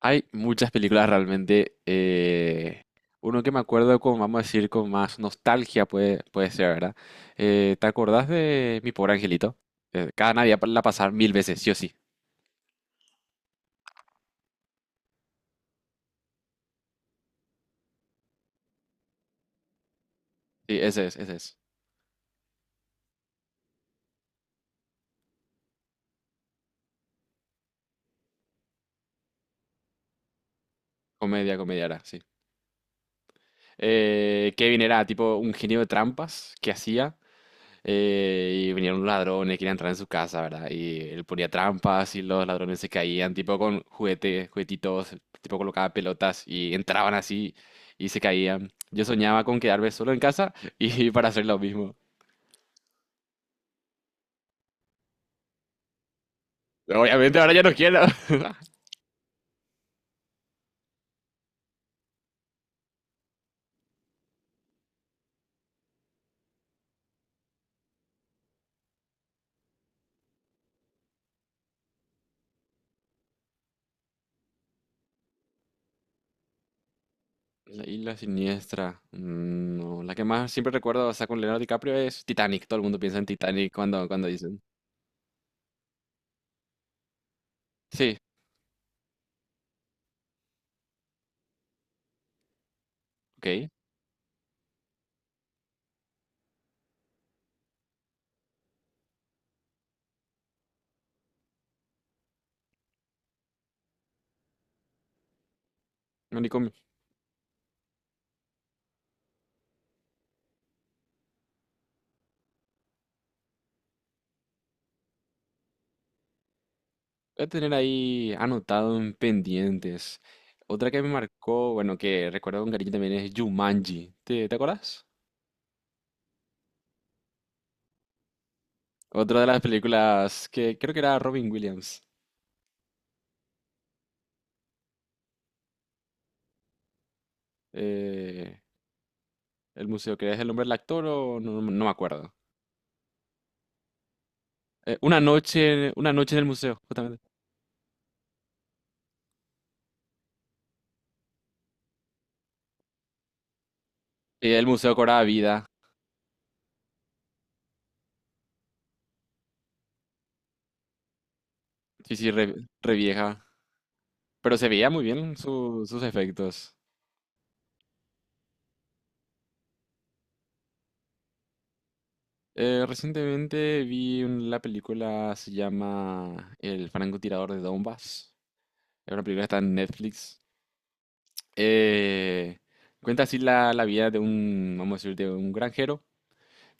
Hay muchas películas realmente. Uno que me acuerdo con, vamos a decir, con más nostalgia puede ser, ¿verdad? ¿Te acordás de Mi Pobre Angelito? Cada Navidad la pasar 1000 veces, sí o sí. Sí, ese es, ese es. Comedia, comedia era, sí. Kevin era tipo un genio de trampas que hacía. Y venían unos ladrones, querían entrar en su casa, ¿verdad? Y él ponía trampas y los ladrones se caían, tipo con juguetes, juguetitos, tipo colocaba pelotas y entraban así y se caían. Yo soñaba con quedarme solo en casa y para hacer lo mismo. Obviamente ahora ya no quiero. La isla siniestra. No, la que más siempre recuerdo, o sea, con Leonardo DiCaprio es Titanic. Todo el mundo piensa en Titanic cuando, cuando dicen. Sí, ok. No, voy a tener ahí anotado en pendientes. Otra que me marcó, bueno, que recuerdo con cariño también es Jumanji. ¿Te acuerdas? Otra de las películas que creo que era Robin Williams. Eh, el museo, que es el nombre del actor o no, no me acuerdo. Una noche en el museo, justamente. El museo cobraba vida. Sí, sí, re vieja. Pero se veía muy bien sus efectos. Recientemente vi la película, se llama El Francotirador de Donbass. Es una película que está en Netflix. Eh, Cuenta así la vida de un, vamos a decir, de un granjero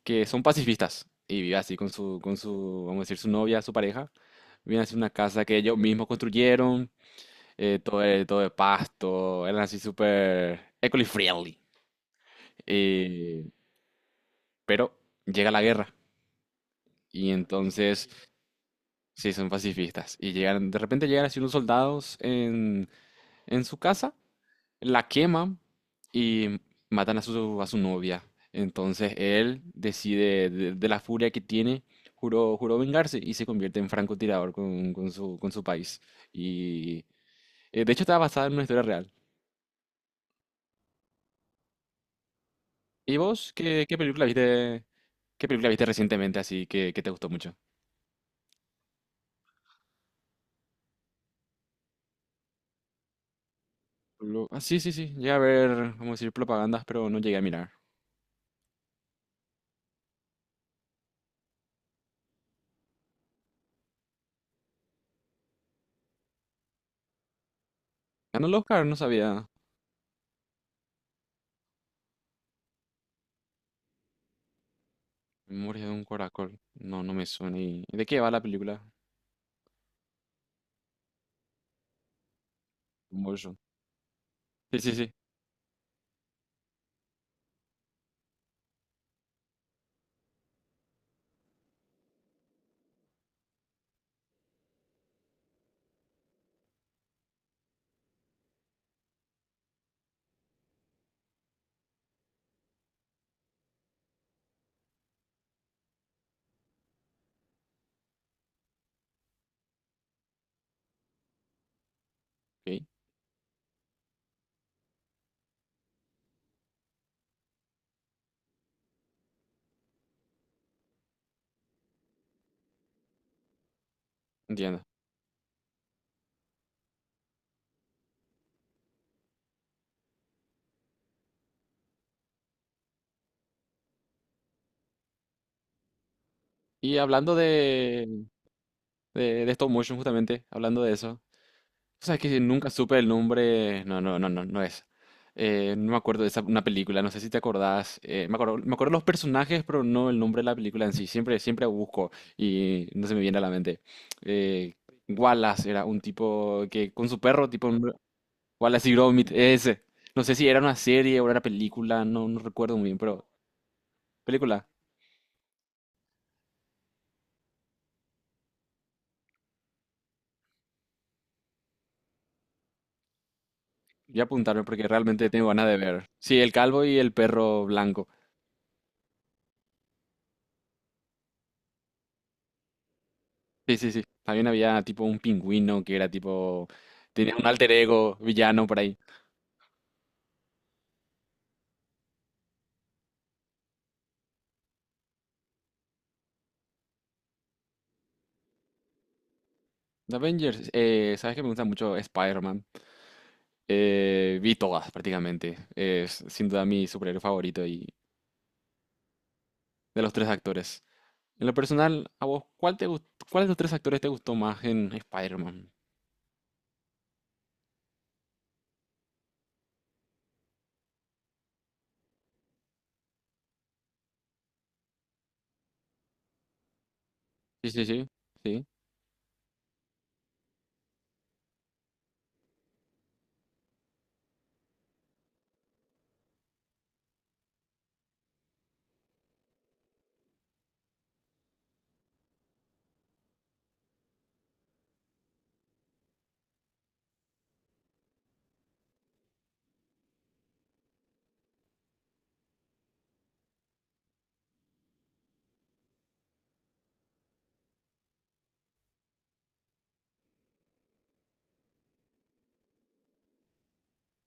que son pacifistas y vive así con su, vamos a decir, su novia, su pareja. Viven así en una casa que ellos mismos construyeron, todo, todo de pasto, eran así súper eco-friendly. Eh, pero llega la guerra y entonces sí, son pacifistas. Y llegan, de repente llegan así unos soldados en su casa, la queman y matan a su novia. Entonces él decide, de la furia que tiene, juró, juró vengarse y se convierte en francotirador con su país. Y de hecho está basada en una historia real. ¿Y vos qué película viste, qué película viste recientemente así que te gustó mucho? Ah, sí, sí, sí, llegué a ver, vamos a decir, propagandas, pero no llegué a mirar. Ganó el Oscar, no sabía. Memoria de un Caracol. No, no me suena. ¿Y de qué va la película? Convulsion. Sí, sí, sí. Ok. Entiendo. Y hablando de, de stop motion, justamente, hablando de eso, o sea, que nunca supe el nombre, no, no, no, no, no es. No me acuerdo de esa, una película, no sé si te acordás, me acuerdo, los personajes, pero no el nombre de la película en sí, siempre busco y no se me viene a la mente. Eh, Wallace era un tipo que con su perro, Wallace y Gromit, ese. No sé si era una serie o era una película, no recuerdo muy bien, pero película. Voy a apuntarme porque realmente tengo ganas de ver. Sí, el calvo y el perro blanco. Sí, sí, sí. También había tipo un pingüino que era tipo. Tenía un alter ego villano por ahí. The Avengers, sabes que me gusta mucho Spider-Man. Vi todas prácticamente. Es sin duda mi superhéroe favorito y de los tres actores. En lo personal, ¿a vos cuál de los tres actores te gustó más en Spider-Man? Sí, sí, sí. Sí.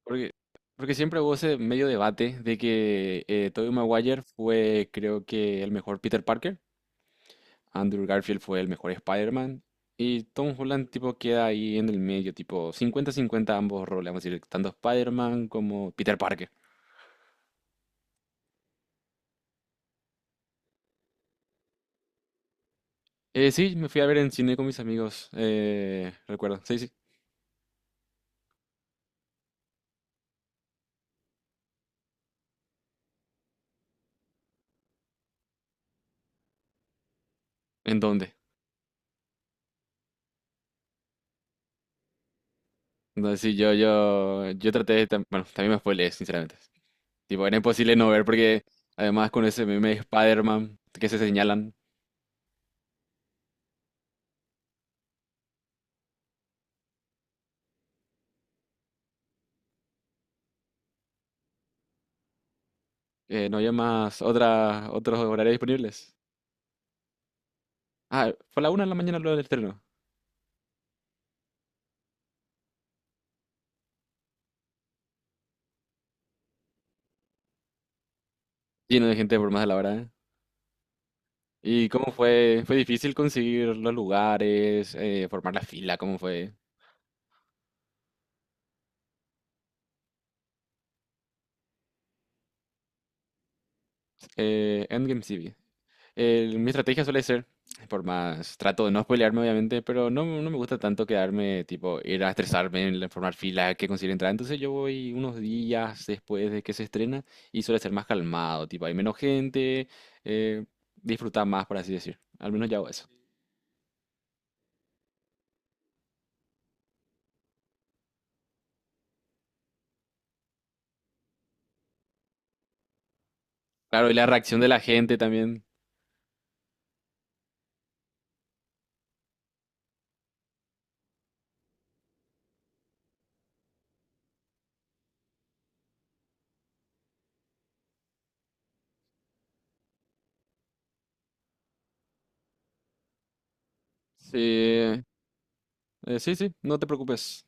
Porque, porque siempre hubo ese medio debate de que Tobey Maguire fue, creo que, el mejor Peter Parker, Andrew Garfield fue el mejor Spider-Man, y Tom Holland, tipo, queda ahí en el medio, tipo, 50-50 ambos roles, vamos a decir, tanto Spider-Man como Peter Parker. Sí, me fui a ver en cine con mis amigos, recuerdo, sí, sí. ¿En dónde? Entonces, sí, yo traté de, bueno, también me spoileé, sinceramente. Tipo, era imposible no ver porque además con ese meme de Spider-Man que se señalan. No había más otros horarios disponibles. Ah, fue a la 1 de la mañana luego del estreno. Lleno de gente por más de la hora, ¿eh? ¿Y cómo fue? ¿Fue difícil conseguir los lugares, formar la fila? ¿Cómo fue? Endgame sí vi. Mi estrategia suele ser, por más, trato de no spoilearme obviamente, pero no me gusta tanto quedarme, tipo, ir a estresarme formar filas que consigue entrar. Entonces yo voy unos días después de que se estrena y suele ser más calmado, tipo, hay menos gente, eh, disfruta más, por así decir. Al menos yo hago eso. Claro, y la reacción de la gente también. Sí, sí, sí, no te preocupes.